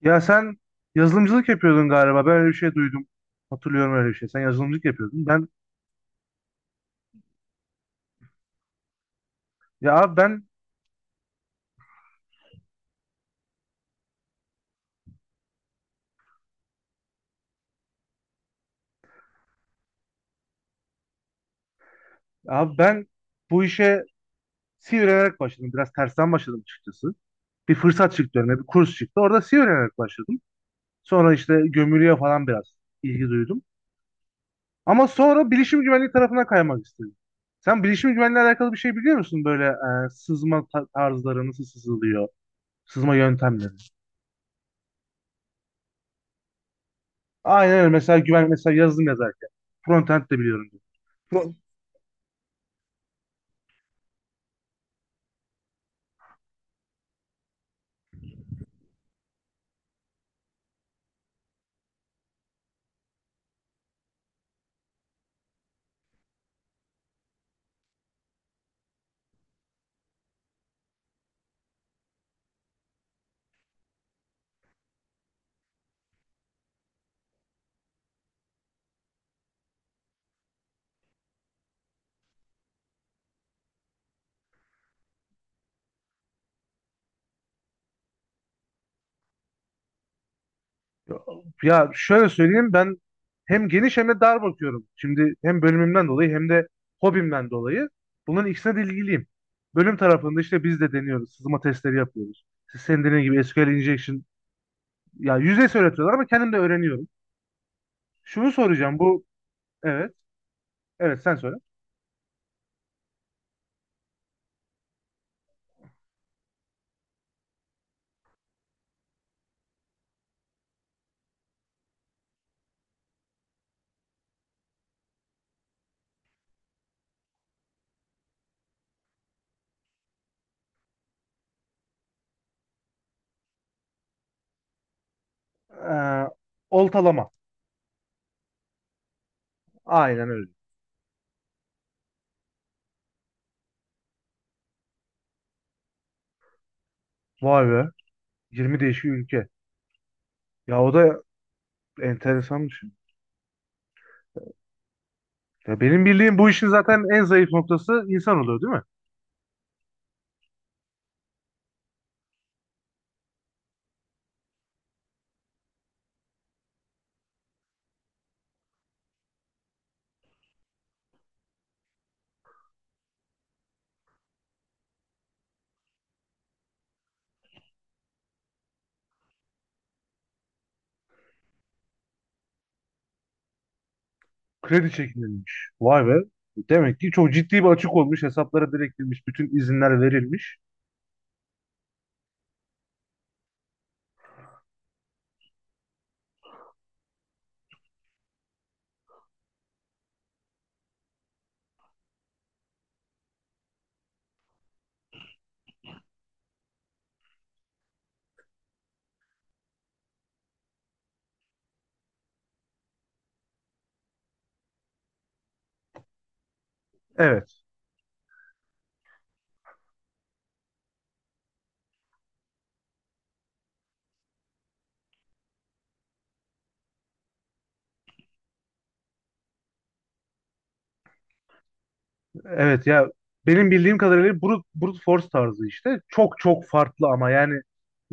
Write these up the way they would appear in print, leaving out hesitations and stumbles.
Ya sen yazılımcılık yapıyordun galiba. Ben öyle bir şey duydum. Hatırlıyorum öyle bir şey. Sen yazılımcılık yapıyordun. Ben ya abi ben abi ben bu işe C öğrenerek başladım. Biraz tersten başladım açıkçası. Bir fırsat çıktı önüme, bir kurs çıktı. Orada C öğrenerek başladım. Sonra işte gömülüye falan biraz ilgi duydum. Ama sonra bilişim güvenliği tarafına kaymak istedim. Sen bilişim güvenliği alakalı bir şey biliyor musun? Böyle tarzları, nasıl sızılıyor? Sızma yöntemleri. Aynen öyle. Mesela güvenlik, mesela yazılım yazarken. Frontend de biliyorum. Ya şöyle söyleyeyim, ben hem geniş hem de dar bakıyorum. Şimdi hem bölümümden dolayı hem de hobimden dolayı bunların ikisine de ilgiliyim. Bölüm tarafında işte biz de deniyoruz. Sızma testleri yapıyoruz. Siz senin dediğin gibi SQL injection, ya yüzeysel öğretiyorlar ama kendim de öğreniyorum. Şunu soracağım bu evet, evet sen söyle. Ee, Oltalama. Aynen öyle. Vay be, 20 değişik ülke. Ya o da enteresanmış. Ya benim bildiğim, bu işin zaten en zayıf noktası insan oluyor değil mi? Kredi çekilmiş. Vay be. Demek ki çok ciddi bir açık olmuş. Hesaplara direkt girmiş. Bütün izinler verilmiş. Evet. Evet ya, benim bildiğim kadarıyla brute force tarzı işte. Çok çok farklı ama yani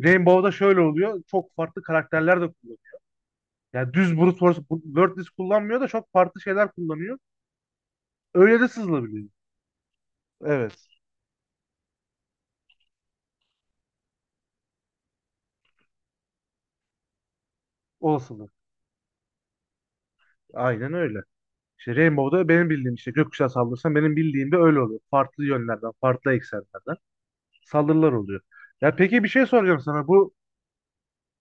Rainbow'da şöyle oluyor. Çok farklı karakterler de kullanıyor. Yani düz brute force wordless kullanmıyor da çok farklı şeyler kullanıyor. Öyle de sızılabiliyor. Evet. Olasılık. Aynen öyle. İşte Rainbow'da benim bildiğim, işte gökkuşağı saldırırsan benim bildiğim de öyle oluyor. Farklı yönlerden, farklı eksenlerden saldırılar oluyor. Ya peki bir şey soracağım sana. Bu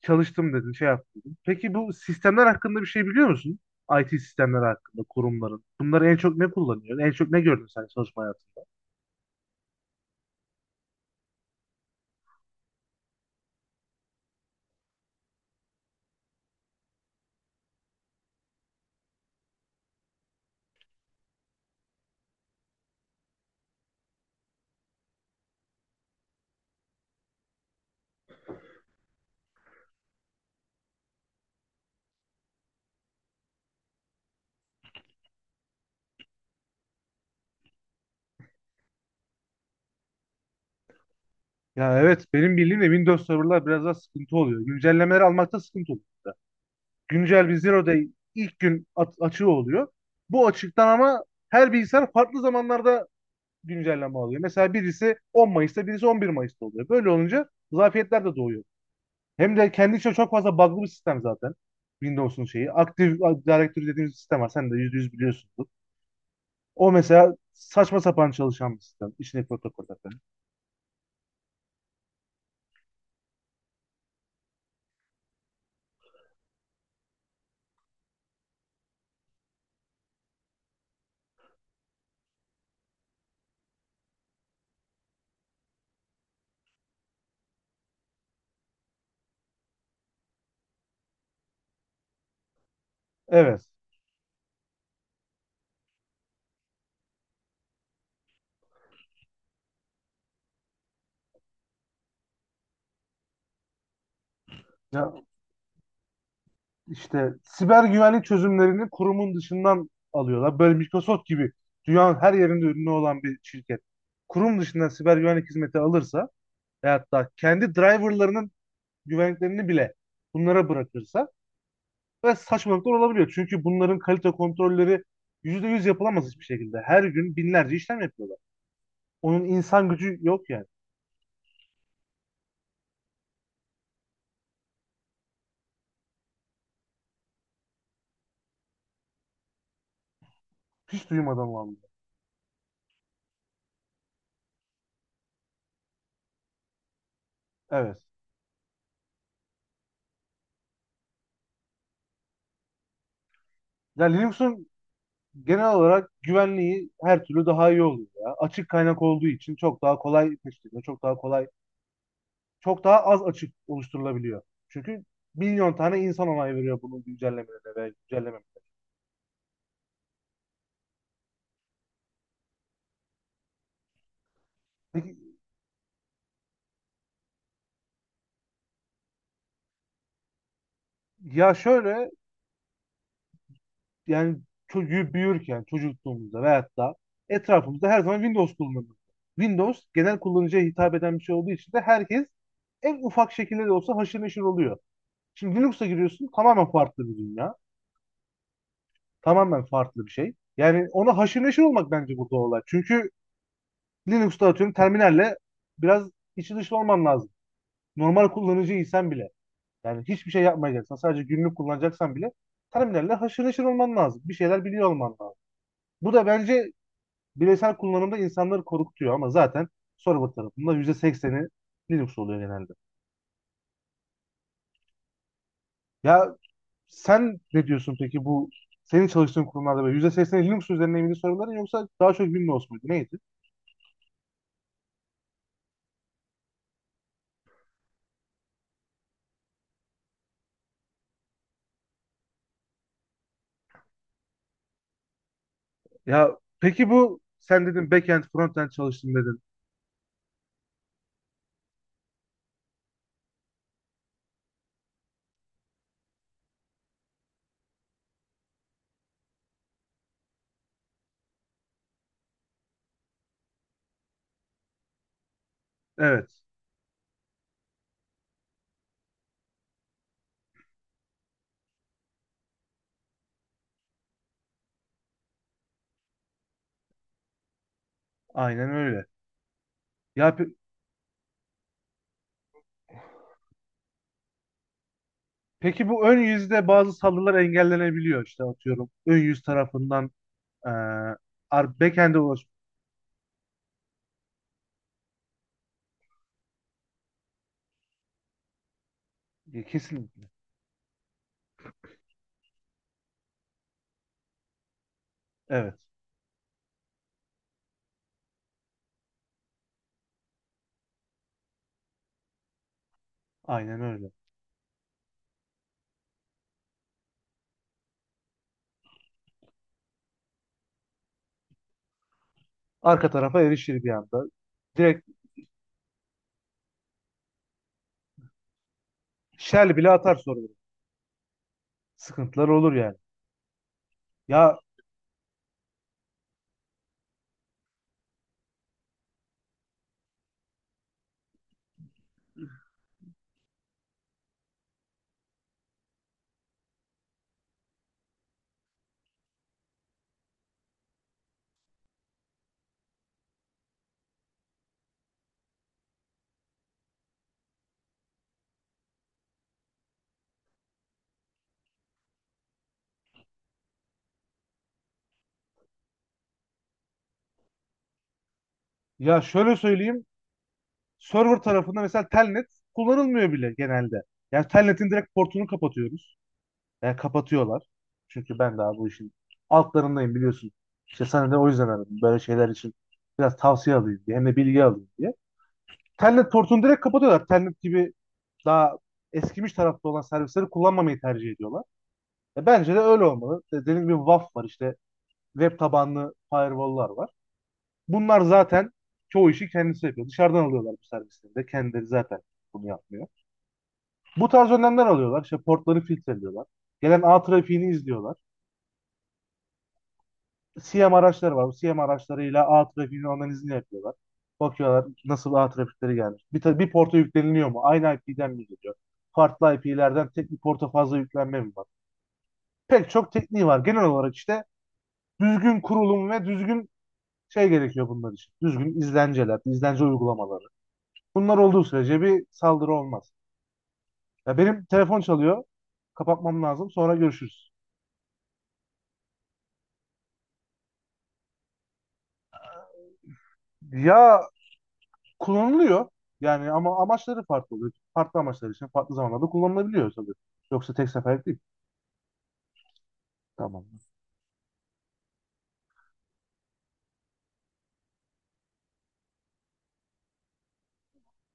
çalıştım dedin, şey yaptın dedin. Peki bu sistemler hakkında bir şey biliyor musun? IT sistemleri hakkında, kurumların. Bunları en çok ne kullanıyor? En çok ne gördün sen çalışma hayatında? Ya evet, benim bildiğim de Windows serverlar biraz daha sıkıntı oluyor. Güncellemeleri almakta sıkıntı oluyor. Güncel bir zero day açığı oluyor. Bu açıktan ama her bilgisayar farklı zamanlarda güncelleme alıyor. Mesela birisi 10 Mayıs'ta, birisi 11 Mayıs'ta oluyor. Böyle olunca zafiyetler de doğuyor. Hem de kendi içinde çok fazla bug'lı bir sistem zaten. Windows'un şeyi. Active Directory dediğimiz sistem var. Sen de yüzde yüz biliyorsundur. O mesela saçma sapan çalışan bir sistem. İçindeki protokolde falan. Evet. Ya işte siber güvenlik çözümlerini kurumun dışından alıyorlar. Böyle Microsoft gibi dünyanın her yerinde ürünü olan bir şirket. Kurum dışından siber güvenlik hizmeti alırsa ve hatta kendi driverlarının güvenliklerini bile bunlara bırakırsa ve saçmalıklar olabiliyor. Çünkü bunların kalite kontrolleri %100 yapılamaz hiçbir şekilde. Her gün binlerce işlem yapıyorlar. Onun insan gücü yok yani. Hiç duymadım vallahi. Evet. Ya Linux'un genel olarak güvenliği her türlü daha iyi oluyor ya. Açık kaynak olduğu için çok daha kolay tespit ediliyor, çok daha kolay, çok daha az açık oluşturulabiliyor. Çünkü milyon tane insan onay veriyor bunun güncellemelerine ve güncellemelerine. Peki, ya şöyle, yani çocuğu büyürken, çocukluğumuzda veyahut da etrafımızda her zaman Windows kullanılır. Windows genel kullanıcıya hitap eden bir şey olduğu için de herkes en ufak şekilde de olsa haşır neşir oluyor. Şimdi Linux'a giriyorsun, tamamen farklı bir dünya. Tamamen farklı bir şey. Yani ona haşır neşir olmak bence burada olay. Çünkü Linux'ta atıyorum terminalle biraz içi dışı olman lazım. Normal kullanıcıysan bile. Yani hiçbir şey yapmayacaksan, sadece günlük kullanacaksan bile terminalle haşır neşir olman lazım. Bir şeyler biliyor olman lazım. Bu da bence bireysel kullanımda insanları korkutuyor ama zaten server tarafında yüzde sekseni Linux oluyor genelde. Ya sen ne diyorsun peki, bu senin çalıştığın kurumlarda böyle %80'i Linux üzerine miydi serverların, yoksa daha çok Windows muydu, neydi? Ya peki bu sen dedin, backend frontend çalıştım dedin. Evet, aynen öyle. Ya pe- peki bu ön yüzde bazı saldırılar engellenebiliyor işte, atıyorum. Ön yüz tarafından eee backend'e ulaş, kesin. Evet, aynen öyle. Arka tarafa erişir bir anda. Direkt shell bile atar server. Sıkıntılar olur yani. Ya ya şöyle söyleyeyim. Server tarafında mesela telnet kullanılmıyor bile genelde. Yani telnetin direkt portunu kapatıyoruz. Yani kapatıyorlar. Çünkü ben daha bu işin altlarındayım biliyorsun. İşte sana da o yüzden aradım. Böyle şeyler için biraz tavsiye alayım diye. Hem de bilgi alayım diye. Telnet portunu direkt kapatıyorlar. Telnet gibi daha eskimiş tarafta olan servisleri kullanmamayı tercih ediyorlar. E bence de öyle olmalı. E dediğim gibi WAF var, işte web tabanlı firewall'lar var. Bunlar zaten çoğu işi kendisi yapıyor. Dışarıdan alıyorlar bu servisleri de. Kendileri zaten bunu yapmıyor. Bu tarz önlemler alıyorlar. İşte portları filtreliyorlar. Gelen ağ trafiğini izliyorlar. CM araçları var. Bu CM araçlarıyla ağ trafiğinin analizini yapıyorlar. Bakıyorlar nasıl ağ trafikleri gelmiş. Bir porta yükleniliyor mu? Aynı IP'den mi geliyor? Farklı IP'lerden tek bir porta fazla yüklenme mi var? Pek çok tekniği var. Genel olarak işte düzgün kurulum ve düzgün şey gerekiyor bunlar için. Düzgün izlenceler, izlence uygulamaları. Bunlar olduğu sürece bir saldırı olmaz. Ya benim telefon çalıyor. Kapatmam lazım. Sonra görüşürüz. Ya kullanılıyor. Yani ama amaçları farklı oluyor. Farklı amaçlar için farklı zamanlarda kullanılabiliyor tabii. Yoksa tek seferlik değil. Tamam.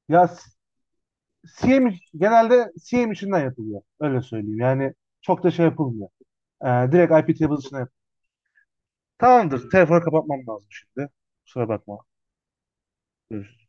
Ya s- Genelde CM içinden yapılıyor. Öyle söyleyeyim. Yani çok da şey yapılmıyor. Ee, Direkt IP table içinden yapılıyor. Tamamdır. Telefonu kapatmam lazım şimdi. Kusura bakma. Görüşürüz.